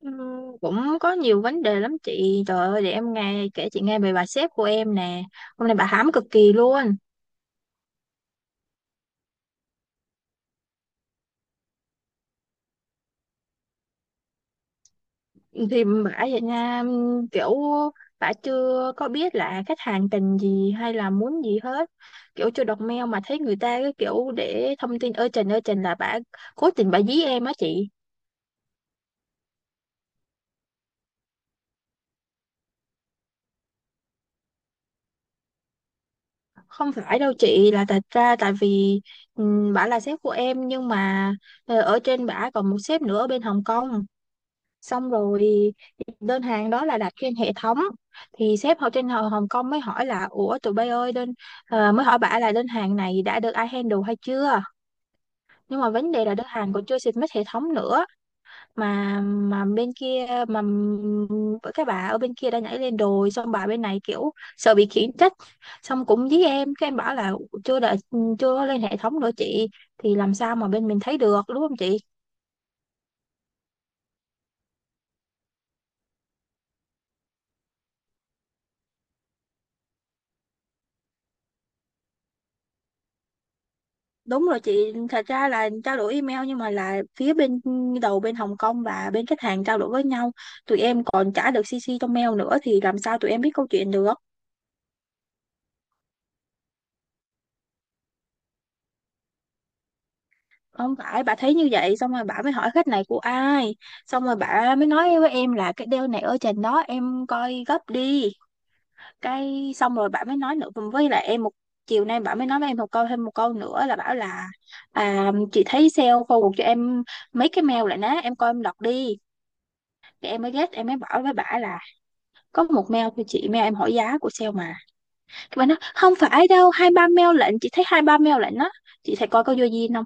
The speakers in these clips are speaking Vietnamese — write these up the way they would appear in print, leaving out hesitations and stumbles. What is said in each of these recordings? Ừ, cũng có nhiều vấn đề lắm chị, trời ơi, để em nghe kể chị nghe về bà sếp của em nè. Hôm nay bà hãm cực kỳ luôn. Thì bà vậy nha, kiểu bà chưa có biết là khách hàng cần gì hay là muốn gì hết. Kiểu chưa đọc mail mà thấy người ta cái kiểu để thông tin ơi trình là bà cố tình bà dí em á chị. Không phải đâu chị, là thật ra tại vì, bà là sếp của em nhưng mà ở trên bà còn một sếp nữa ở bên Hồng Kông. Xong rồi đơn hàng đó là đặt trên hệ thống, thì sếp họ trên Hồng Hồng Kông mới hỏi là ủa tụi bay ơi đơn, mới hỏi bả là đơn hàng này đã được ai handle hay chưa. Nhưng mà vấn đề là đơn hàng còn chưa submit hệ thống nữa, mà bên kia, mà các bà ở bên kia đã nhảy lên đồi, xong bà bên này kiểu sợ bị khiển trách. Xong cũng với em, cái em bảo là chưa đợi, chưa có lên hệ thống nữa chị, thì làm sao mà bên mình thấy được đúng không chị. Đúng rồi chị, thật ra là trao đổi email nhưng mà là phía bên đầu bên Hồng Kông và bên khách hàng trao đổi với nhau, tụi em còn trả được CC trong mail nữa thì làm sao tụi em biết câu chuyện được. Không phải, bà thấy như vậy xong rồi bà mới hỏi khách này của ai, xong rồi bà mới nói với em là cái deal này ở trên đó em coi gấp đi. Cái xong rồi bà mới nói nữa với lại em một, chiều nay bà mới nói với em một câu, thêm một câu nữa là bảo là, chị thấy sale forward cho em mấy cái mail lại nè, em coi em đọc đi. Thì em mới ghét, em mới bảo với bà là có một mail thôi chị, mail em hỏi giá của sale mà. Cái bạn nói không phải đâu, hai ba mail lệnh, chị thấy hai ba mail lệnh đó, chị thấy coi có vô duyên không.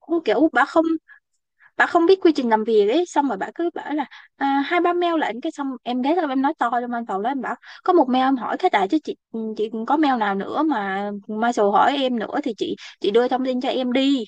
Cũng kiểu bà không, bà không biết quy trình làm việc ấy, xong rồi bà cứ bảo là, hai ba mail lệnh. Cái xong em ghé lên em nói to trong văn phòng đó, em bảo có một mail em hỏi cái tại chứ chị có mail nào nữa mà Marshall hỏi em nữa thì chị đưa thông tin cho em đi.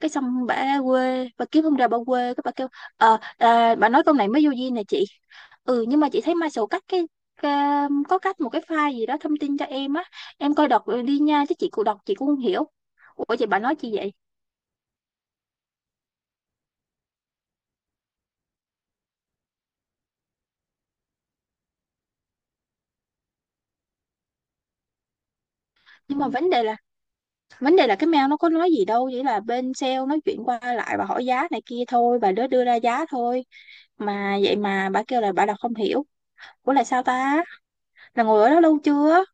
Cái xong bà quê, bà kiếm không ra, bà quê cái bà kêu, bà nói câu này mới vô duyên nè chị. Ừ, nhưng mà chị thấy Marshall cắt cái, có cách một cái file gì đó thông tin cho em á, em coi đọc đi nha, chứ chị cũng đọc chị cũng không hiểu. Ủa chị, bà nói chi vậy. Nhưng mà vấn đề là cái mail nó có nói gì đâu, chỉ là bên sale nói chuyện qua lại và hỏi giá này kia thôi, bà đứa đưa ra giá thôi. Mà vậy mà bà kêu là bà đọc không hiểu. Ủa là sao ta, là ngồi ở đó lâu chưa.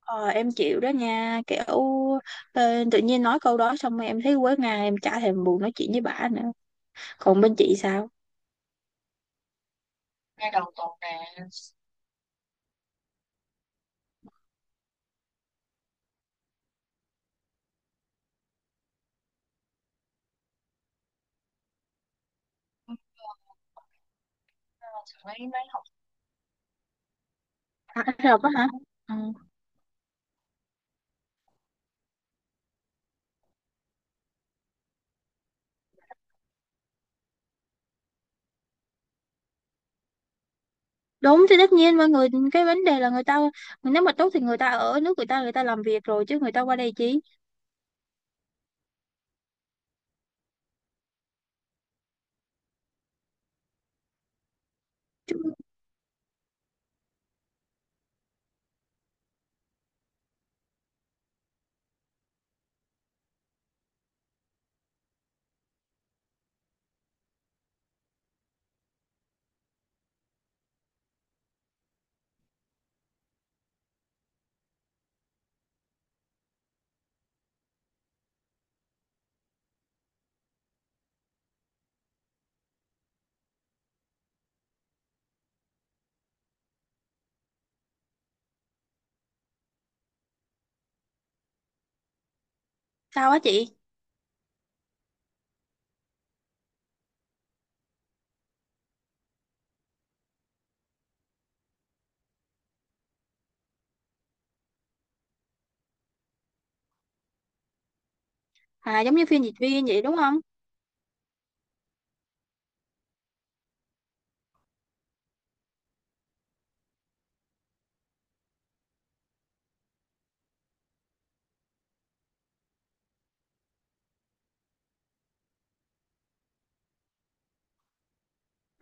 Ờ, em chịu đó nha, kiểu, tự nhiên nói câu đó xong rồi em thấy quấy ngang, em chả thèm buồn nói chuyện với bà nữa. Còn bên chị sao? Đúng, thì tất nhiên mọi người, cái vấn đề là người ta nếu mà tốt thì người ta ở nước người ta làm việc rồi, chứ người ta qua đây chi. Sao á chị? À giống như phiên dịch viên vậy đúng không.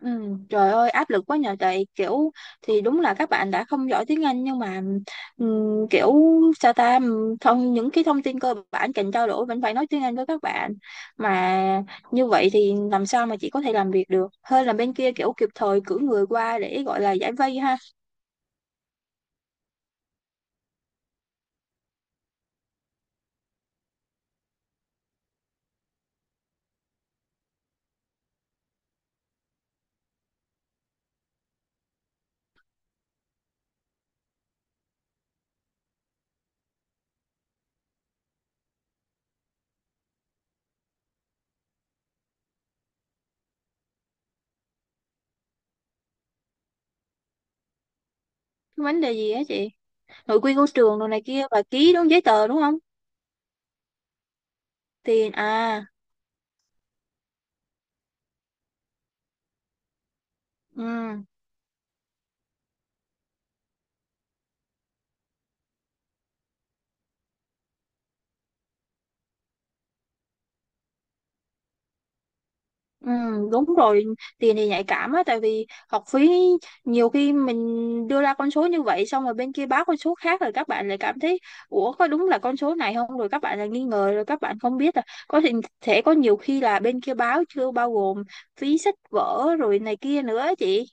Ừ, trời ơi áp lực quá nhờ, tại kiểu thì đúng là các bạn đã không giỏi tiếng Anh nhưng mà, kiểu sao ta, thông những cái thông tin cơ bản cần trao đổi vẫn phải nói tiếng Anh với các bạn. Mà như vậy thì làm sao mà chị có thể làm việc được, hơn là bên kia kiểu kịp thời cử người qua để gọi là giải vây ha. Cái vấn đề gì á chị? Nội quy của trường đồ này kia và ký đúng giấy tờ đúng không. Tiền à? Ừ. Ừ, đúng rồi, tiền thì nhạy cảm á, tại vì học phí nhiều khi mình đưa ra con số như vậy xong rồi bên kia báo con số khác, rồi các bạn lại cảm thấy ủa có đúng là con số này không, rồi các bạn lại nghi ngờ, rồi các bạn không biết là có thể có nhiều khi là bên kia báo chưa bao gồm phí sách vở rồi này kia nữa á chị.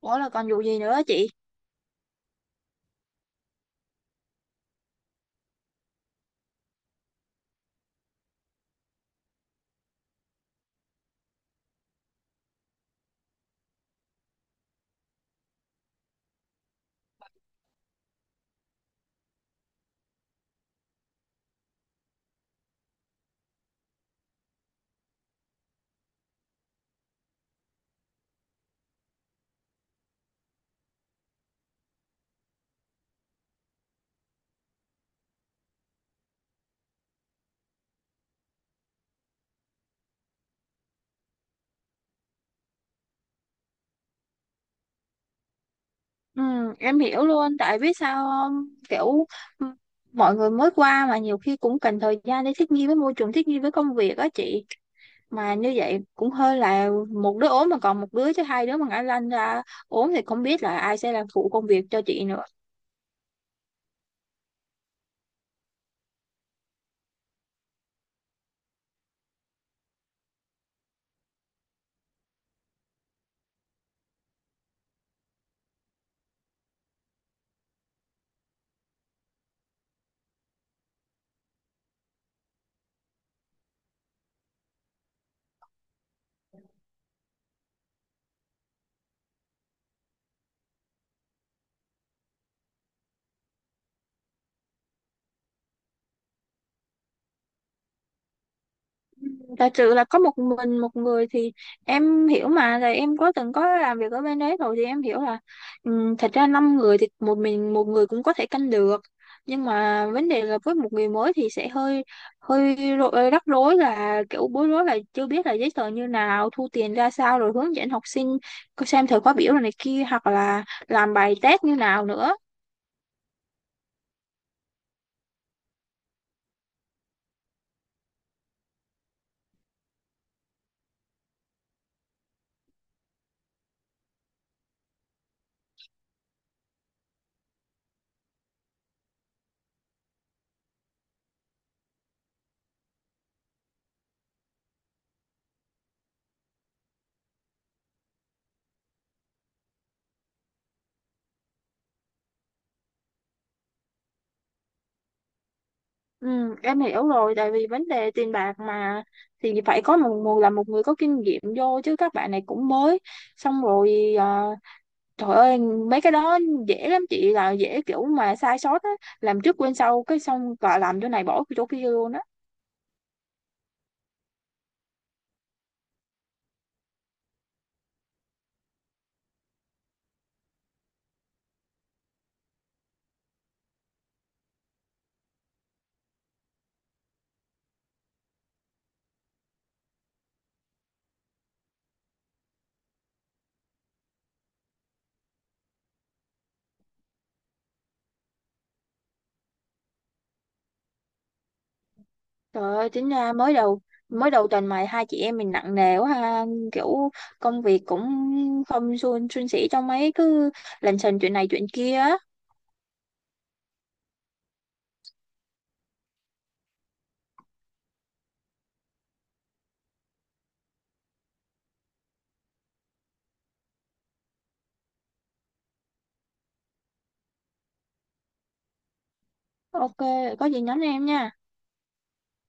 Ủa là còn vụ gì nữa á chị? ừ, em hiểu luôn, tại biết sao không? Kiểu, ừ, mọi người mới qua mà nhiều khi cũng cần thời gian để thích nghi với môi trường, thích nghi với công việc á chị. Mà như vậy cũng hơi, là một đứa ốm mà còn một đứa, chứ hai đứa mà ngã lăn ra ốm thì không biết là ai sẽ làm phụ công việc cho chị nữa. Giả sự là có một mình một người thì em hiểu mà, là em có từng có làm việc ở bên đấy rồi thì em hiểu là, thật ra năm người thì một mình một người cũng có thể canh được, nhưng mà vấn đề là với một người mới thì sẽ hơi, hơi rắc rối, là kiểu bối rối là chưa biết là giấy tờ như nào, thu tiền ra sao, rồi hướng dẫn học sinh có xem thời khóa biểu rồi này kia, hoặc là làm bài test như nào nữa. Ừ, em hiểu rồi, tại vì vấn đề tiền bạc mà thì phải có một người, là một người có kinh nghiệm vô, chứ các bạn này cũng mới. Xong rồi trời ơi mấy cái đó dễ lắm chị, là dễ kiểu mà sai sót á, làm trước quên sau, cái xong cả làm chỗ này bỏ chỗ kia luôn á. Trời ơi chính ra mới đầu, mới đầu tuần mà hai chị em mình nặng nề quá ha. Kiểu công việc cũng không suôn suôn sẻ cho mấy, cứ lành xành chuyện này chuyện kia á. Ok, có gì nhắn em nha.